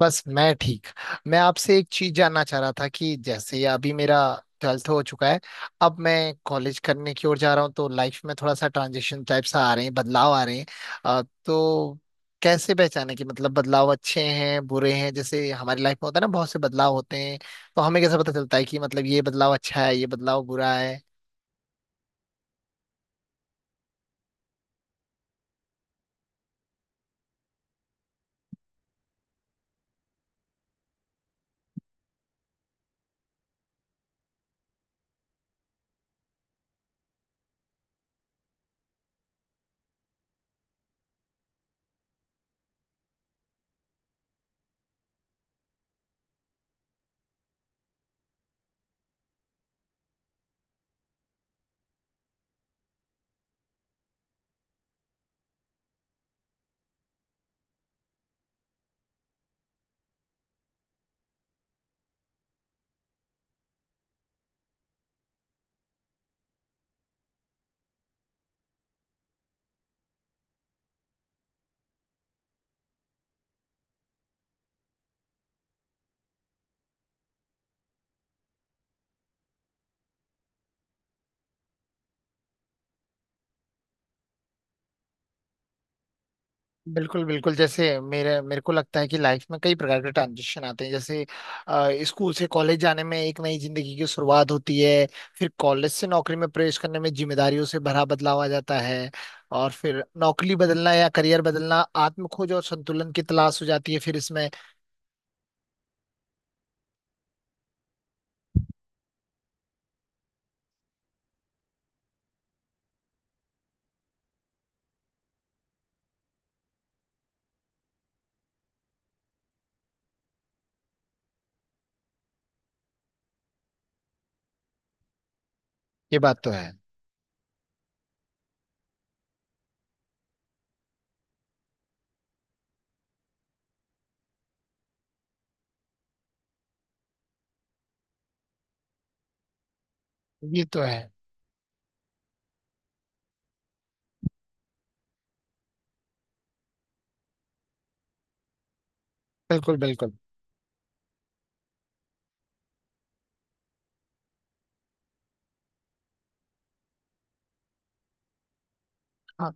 बस मैं ठीक। मैं आपसे एक चीज जानना चाह रहा था कि जैसे अभी मेरा ट्वेल्थ हो चुका है। अब मैं कॉलेज करने की ओर जा रहा हूँ, तो लाइफ में थोड़ा सा ट्रांजिशन टाइप सा आ रहे हैं, बदलाव आ रहे हैं। अ, तो कैसे पहचाने कि मतलब बदलाव अच्छे हैं, बुरे हैं? जैसे हमारी लाइफ में होता है ना, बहुत से बदलाव होते हैं, तो हमें कैसे पता चलता है कि मतलब ये बदलाव अच्छा है, ये बदलाव बुरा है? बिल्कुल, बिल्कुल। जैसे मेरे मेरे को लगता है कि लाइफ में कई प्रकार के ट्रांजिशन आते हैं। जैसे, स्कूल से कॉलेज जाने में एक नई जिंदगी की शुरुआत होती है। फिर कॉलेज से नौकरी में प्रवेश करने में जिम्मेदारियों से भरा बदलाव आ जाता है, और फिर नौकरी बदलना या करियर बदलना आत्म खोज और संतुलन की तलाश हो जाती है। फिर इसमें ये बात तो है। ये तो है। बिल्कुल, बिल्कुल। हाँ,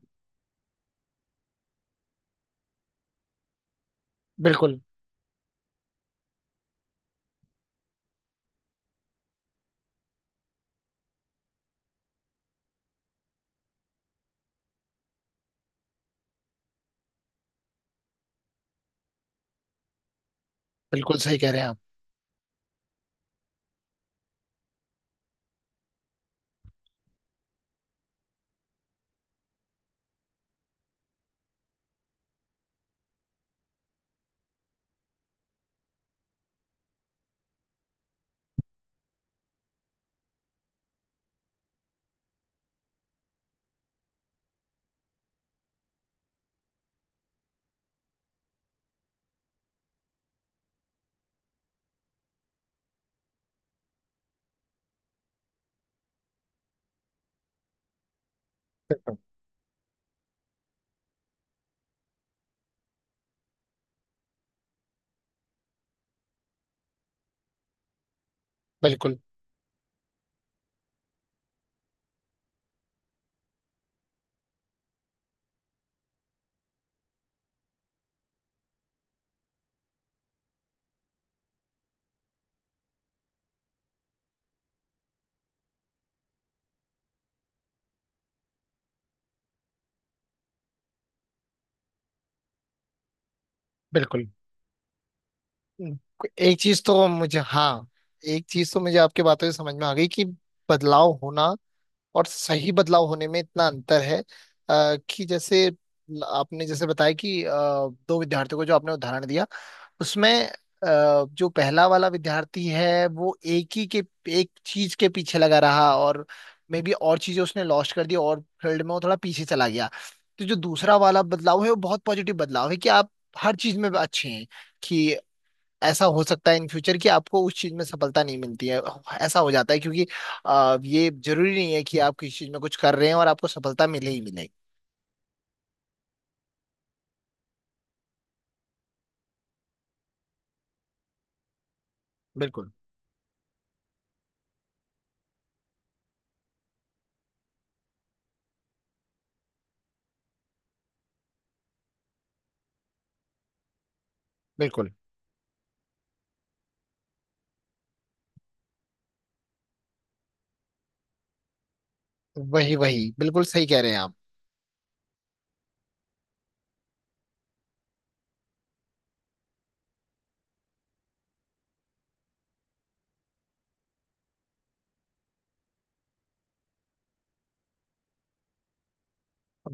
बिल्कुल बिल्कुल सही कह रहे हैं आप। बिल्कुल, बिल्कुल। एक चीज तो मुझे, हाँ, एक चीज तो मुझे आपकी बातों से समझ में आ गई कि बदलाव होना और सही बदलाव होने में इतना अंतर है। कि जैसे आपने जैसे बताया कि, दो विद्यार्थियों को जो आपने उदाहरण दिया, उसमें जो पहला वाला विद्यार्थी है, वो एक चीज के पीछे लगा रहा, और मे बी और चीजें उसने लॉस्ट कर दी और फील्ड में वो थोड़ा पीछे चला गया। तो जो दूसरा वाला बदलाव है, वो बहुत पॉजिटिव बदलाव है कि आप हर चीज में अच्छे हैं। कि ऐसा हो सकता है इन फ्यूचर कि आपको उस चीज में सफलता नहीं मिलती है। ऐसा हो जाता है, क्योंकि ये जरूरी नहीं है कि आप किसी चीज में कुछ कर रहे हैं और आपको सफलता मिले ही मिले। बिल्कुल, बिल्कुल। वही, वही, बिल्कुल सही कह रहे हैं आप।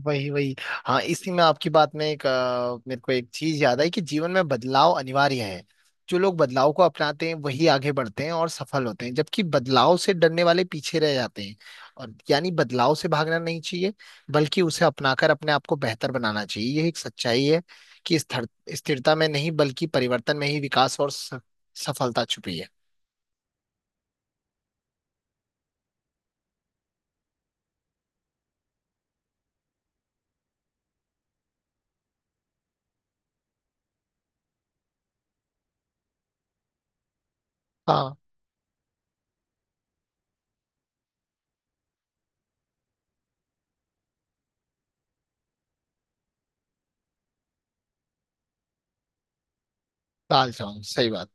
वही, वही। हाँ, इसी में आपकी बात में मेरे को एक चीज याद आई कि जीवन में बदलाव अनिवार्य है। जो लोग बदलाव को अपनाते हैं वही आगे बढ़ते हैं और सफल होते हैं, जबकि बदलाव से डरने वाले पीछे रह जाते हैं। और यानी बदलाव से भागना नहीं चाहिए, बल्कि उसे अपनाकर अपने आप को बेहतर बनाना चाहिए। यह एक सच्चाई है कि स्थिरता में नहीं, बल्कि परिवर्तन में ही विकास और सफलता छुपी है। हाँ, ताल जाऊं, सही बात।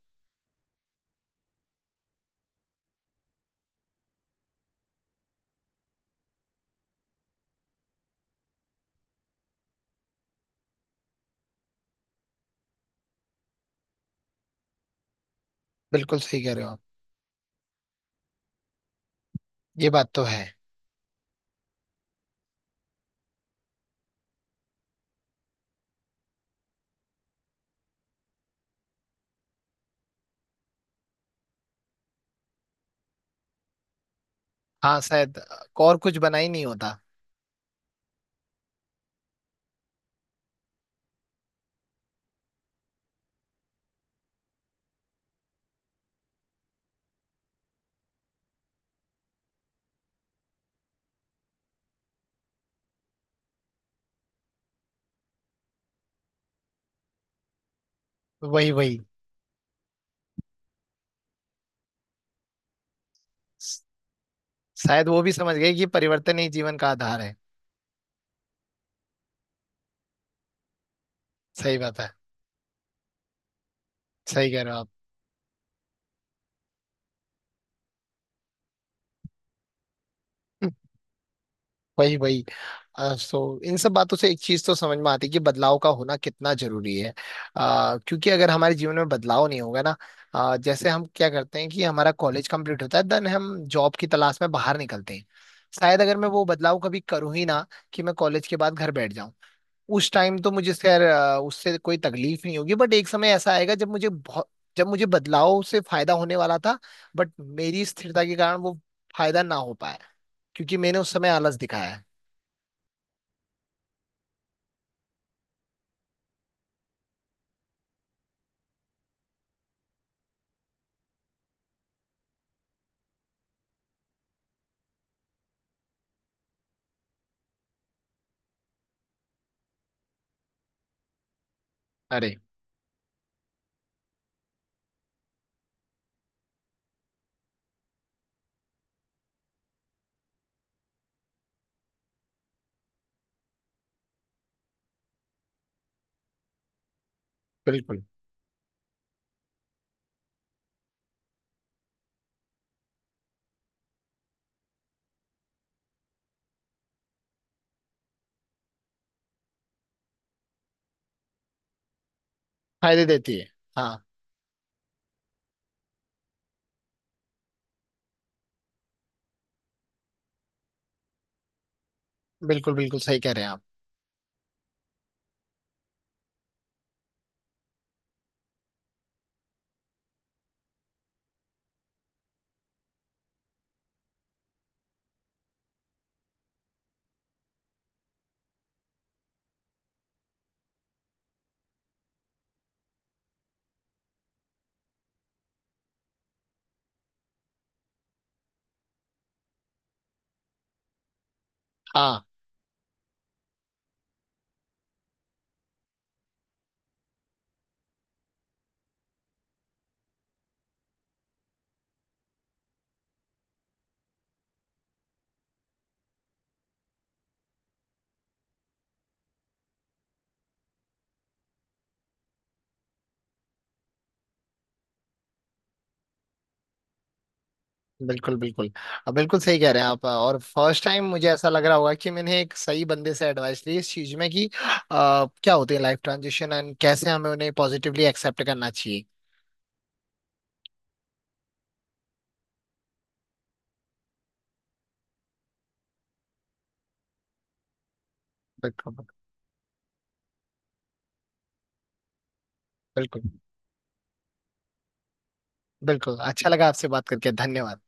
बिल्कुल सही कह रहे हो आप। ये बात तो है। हाँ, शायद और कुछ बना ही नहीं होता। वही, वही। स- शायद वो भी समझ गए कि परिवर्तन ही जीवन का आधार है। सही बात है। सही कह रहे हो आप। हम्म, वही, वही। सो इन सब बातों से एक चीज तो समझ में आती है कि बदलाव का होना कितना जरूरी है। क्योंकि अगर हमारे जीवन में बदलाव नहीं होगा ना, जैसे हम क्या करते हैं कि हमारा कॉलेज कंप्लीट होता है, देन हम जॉब की तलाश में बाहर निकलते हैं। शायद अगर मैं वो बदलाव कभी करूँ ही ना, कि मैं कॉलेज के बाद घर बैठ जाऊं, उस टाइम तो मुझे खैर उससे कोई तकलीफ नहीं होगी, बट एक समय ऐसा आएगा जब मुझे बदलाव से फायदा होने वाला था, बट मेरी स्थिरता के कारण वो फायदा ना हो पाया, क्योंकि मैंने उस समय आलस दिखाया है। अरे। बिल्कुल। फायदे देती है। हाँ। बिल्कुल, बिल्कुल सही कह रहे हैं आप। हाँ, बिल्कुल, बिल्कुल। अब बिल्कुल सही कह रहे हैं आप, और फर्स्ट टाइम मुझे ऐसा लग रहा होगा कि मैंने एक सही बंदे से एडवाइस ली इस चीज में कि, क्या होती है लाइफ ट्रांजिशन, एंड कैसे हमें उन्हें पॉजिटिवली एक्सेप्ट करना चाहिए। बिल्कुल। बिल्कुल बिल्कुल अच्छा लगा आपसे बात करके, धन्यवाद।